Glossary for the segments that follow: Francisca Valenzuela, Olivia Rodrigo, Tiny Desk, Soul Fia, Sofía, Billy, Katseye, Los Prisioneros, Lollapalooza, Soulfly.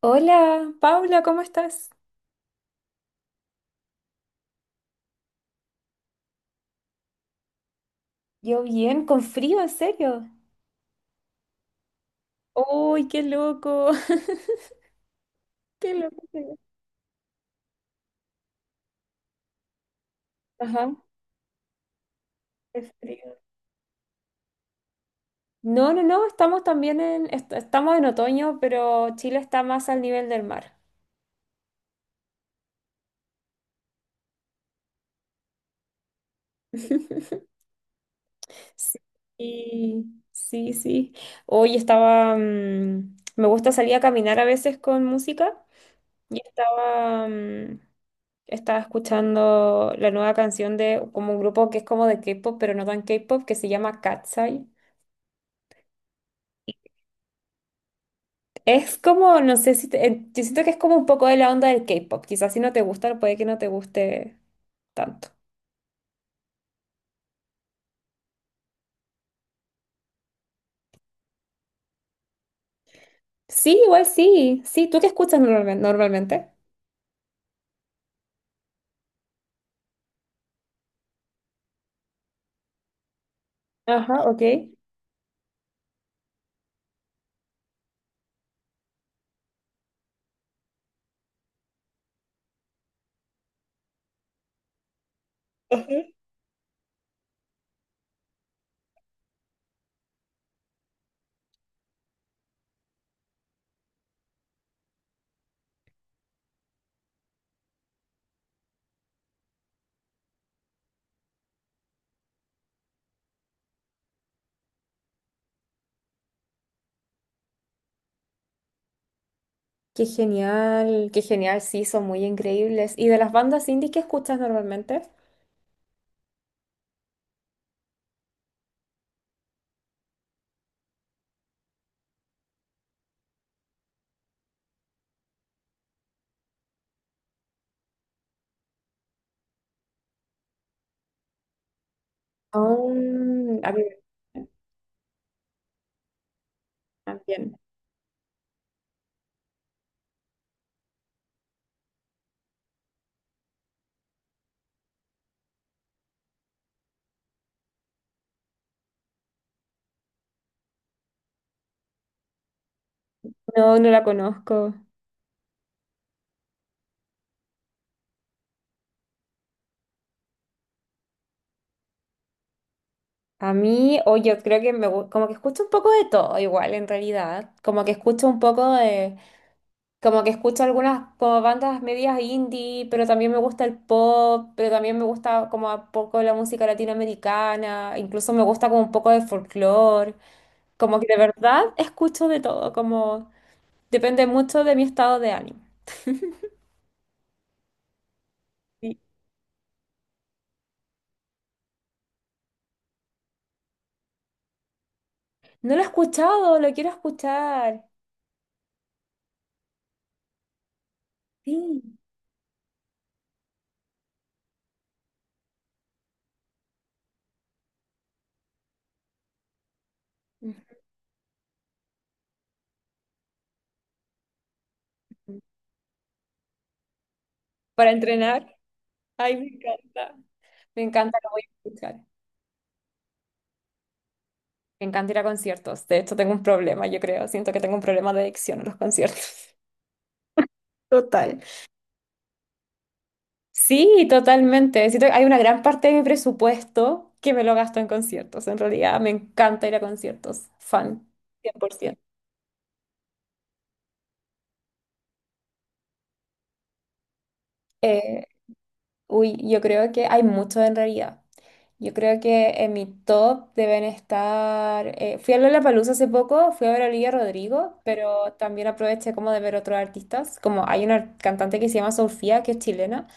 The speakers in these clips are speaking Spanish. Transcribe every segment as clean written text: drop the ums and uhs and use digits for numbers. Hola, Paula, ¿cómo estás? Yo bien, con frío, en serio. ¡Uy, qué loco! ¡Qué loco! Qué ajá, es frío. No, estamos también en, estamos en otoño, pero Chile está más al nivel del mar. Sí. Hoy estaba, me gusta salir a caminar a veces con música y estaba, estaba escuchando la nueva canción de como un grupo que es como de K-pop, pero no tan K-pop, que se llama Katseye. Es como, no sé si yo siento que es como un poco de la onda del K-pop. Quizás si no te gusta, puede que no te guste tanto. Sí, igual sí. Sí, ¿tú qué escuchas normalmente? Ajá, ok. Qué genial, sí, son muy increíbles. ¿Y de las bandas indie qué escuchas normalmente? Oh, a mí también. No, no la conozco. A mí, o yo creo que me como que escucho un poco de todo igual en realidad, como que escucho un poco de, como que escucho algunas como bandas medias indie, pero también me gusta el pop, pero también me gusta como a poco la música latinoamericana, incluso me gusta como un poco de folclore, como que de verdad escucho de todo, como depende mucho de mi estado de ánimo. Sí. No lo he escuchado, lo quiero escuchar. Sí. Ujú. Para entrenar, ay, me encanta. Me encanta, lo voy a escuchar. Me encanta ir a conciertos. De hecho, tengo un problema, yo creo. Siento que tengo un problema de adicción a los conciertos. Total. Sí, totalmente. Siento que hay una gran parte de mi presupuesto que me lo gasto en conciertos. En realidad, me encanta ir a conciertos. Fan, 100%. Eh, uy, yo creo que hay mucho en realidad. Yo creo que en mi top deben estar... fui a Lollapalooza hace poco, fui a ver a Olivia Rodrigo, pero también aproveché como de ver otros artistas. Como hay una cantante que se llama Sofía, que es chilena.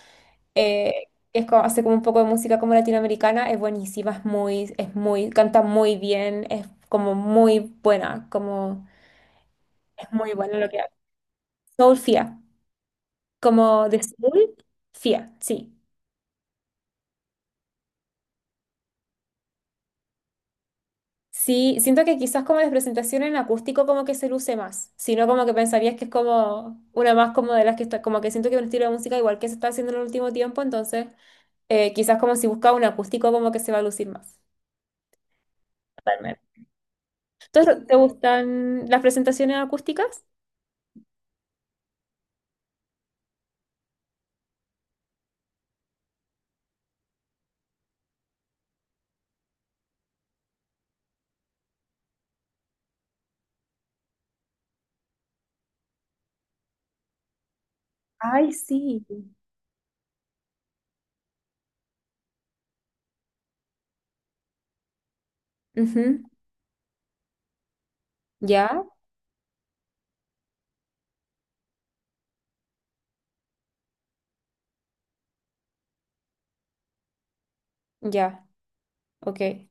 eh, es como, hace como un poco de música como latinoamericana, es buenísima, es muy, canta muy bien, es como muy buena, como es muy buena lo que hace. Soul Fia, como de Soul Fia, sí. Sí, siento que quizás como de presentación en acústico como que se luce más, sino como que pensarías que es como una más como de las que está, como que siento que es un estilo de música igual que se está haciendo en el último tiempo, entonces quizás como si buscaba un acústico como que se va a lucir más. Totalmente. Entonces, ¿te gustan las presentaciones acústicas? Ay, sí. Ujú, ya, ya, ok.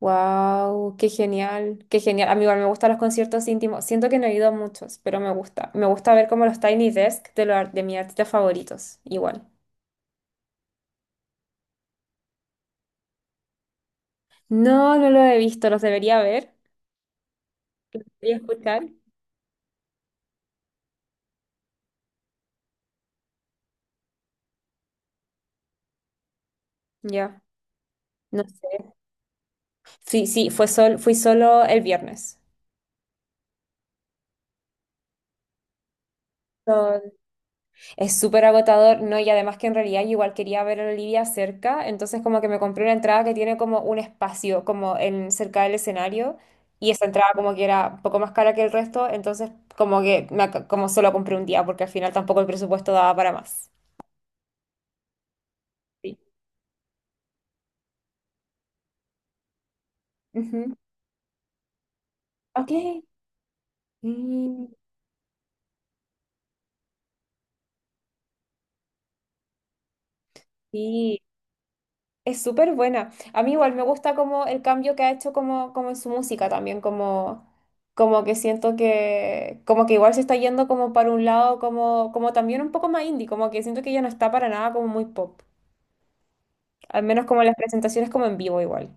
Wow, qué genial, qué genial. A mí igual me gustan los conciertos íntimos. Siento que no he ido a muchos, pero me gusta. Me gusta ver como los Tiny Desk de, los de mis artistas favoritos, igual. No, no los he visto, los debería ver. Debería escuchar. Ya, no sé. Sí, sí, fui solo el viernes. Es súper agotador, ¿no? Y además que en realidad yo igual quería ver a Olivia cerca, entonces como que me compré una entrada que tiene como un espacio como en cerca del escenario y esa entrada como que era un poco más cara que el resto, entonces como que me como solo compré un día porque al final tampoco el presupuesto daba para más. Sí. Ujú. Ok. Mm, sí. Es súper buena. A mí igual me gusta como el cambio que ha hecho como, como en su música también, como, como que siento que, como que igual se está yendo como para un lado, como, como también un poco más indie, como que siento que ya no está para nada como muy pop. Al menos como en las presentaciones como en vivo igual.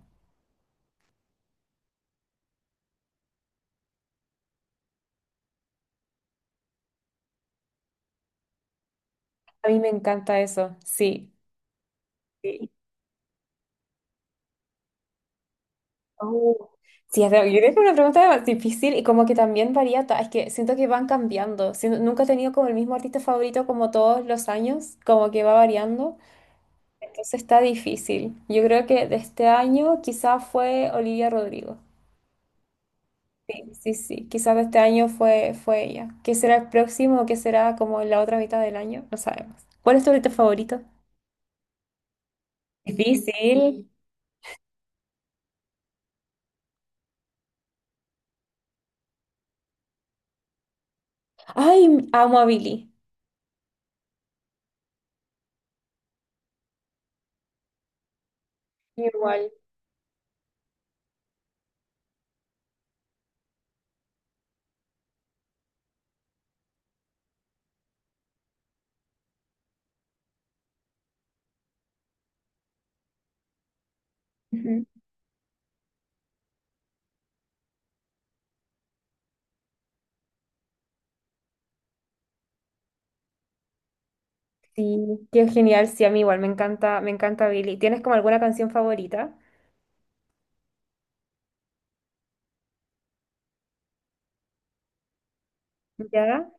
A mí me encanta eso, sí. Sí, oh. Sí, es yo creo que es una pregunta más difícil y como que también varía, es que siento que van cambiando. Siento nunca he tenido como el mismo artista favorito como todos los años, como que va variando. Entonces está difícil. Yo creo que de este año quizás fue Olivia Rodrigo. Sí. Quizás de este año fue ella. ¿Qué será el próximo? ¿Qué será como en la otra mitad del año? No sabemos. ¿Cuál es tu ahorita favorito? Difícil. Ay, amo a Billy. Igual. Ujú. Sí, qué genial. Sí, a mí igual. Me encanta Billy. ¿Tienes como alguna canción favorita? ¿Ya?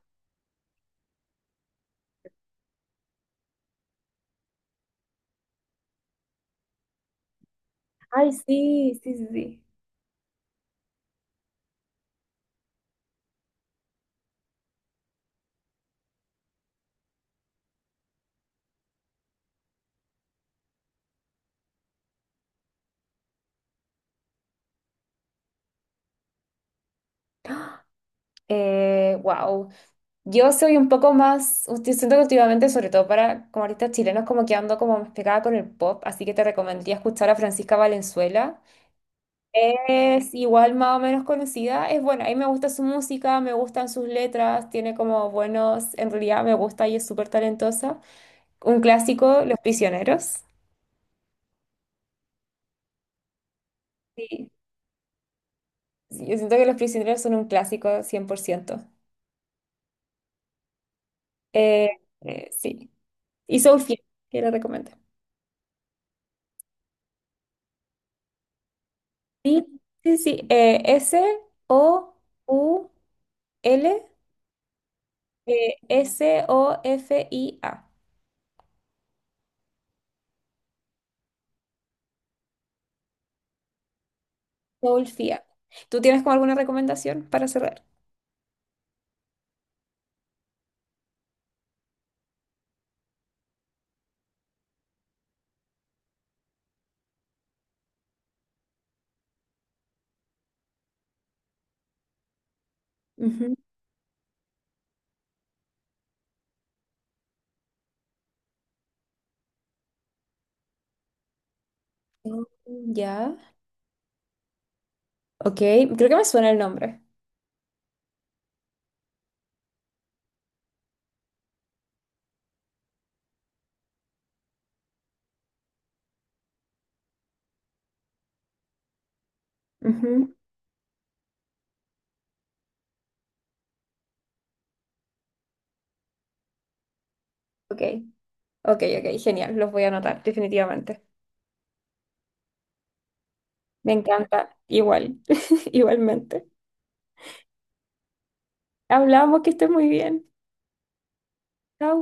Ay, sí. Wow. Yo soy un poco más, yo siento que últimamente, sobre todo para como artistas chilenos, como que ando como más pegada con el pop, así que te recomendaría escuchar a Francisca Valenzuela. Es igual más o menos conocida, es buena, a mí me gusta su música, me gustan sus letras, tiene como buenos, en realidad me gusta y es súper talentosa. Un clásico, Los Prisioneros. Sí, sí, yo siento que Los Prisioneros son un clásico 100%. Eh, sí, y Soulfly, que le recomiendo. Sí, sí. Soul, Sofia. Solfia. ¿Tú tienes como alguna recomendación para cerrar? Ujú. Mm, ya. Ok, creo que me suena el nombre. Ujú. Ok, ok, genial. Los voy a anotar, definitivamente. Me encanta. Igual, igualmente. Hablamos, que estés muy bien. Chao.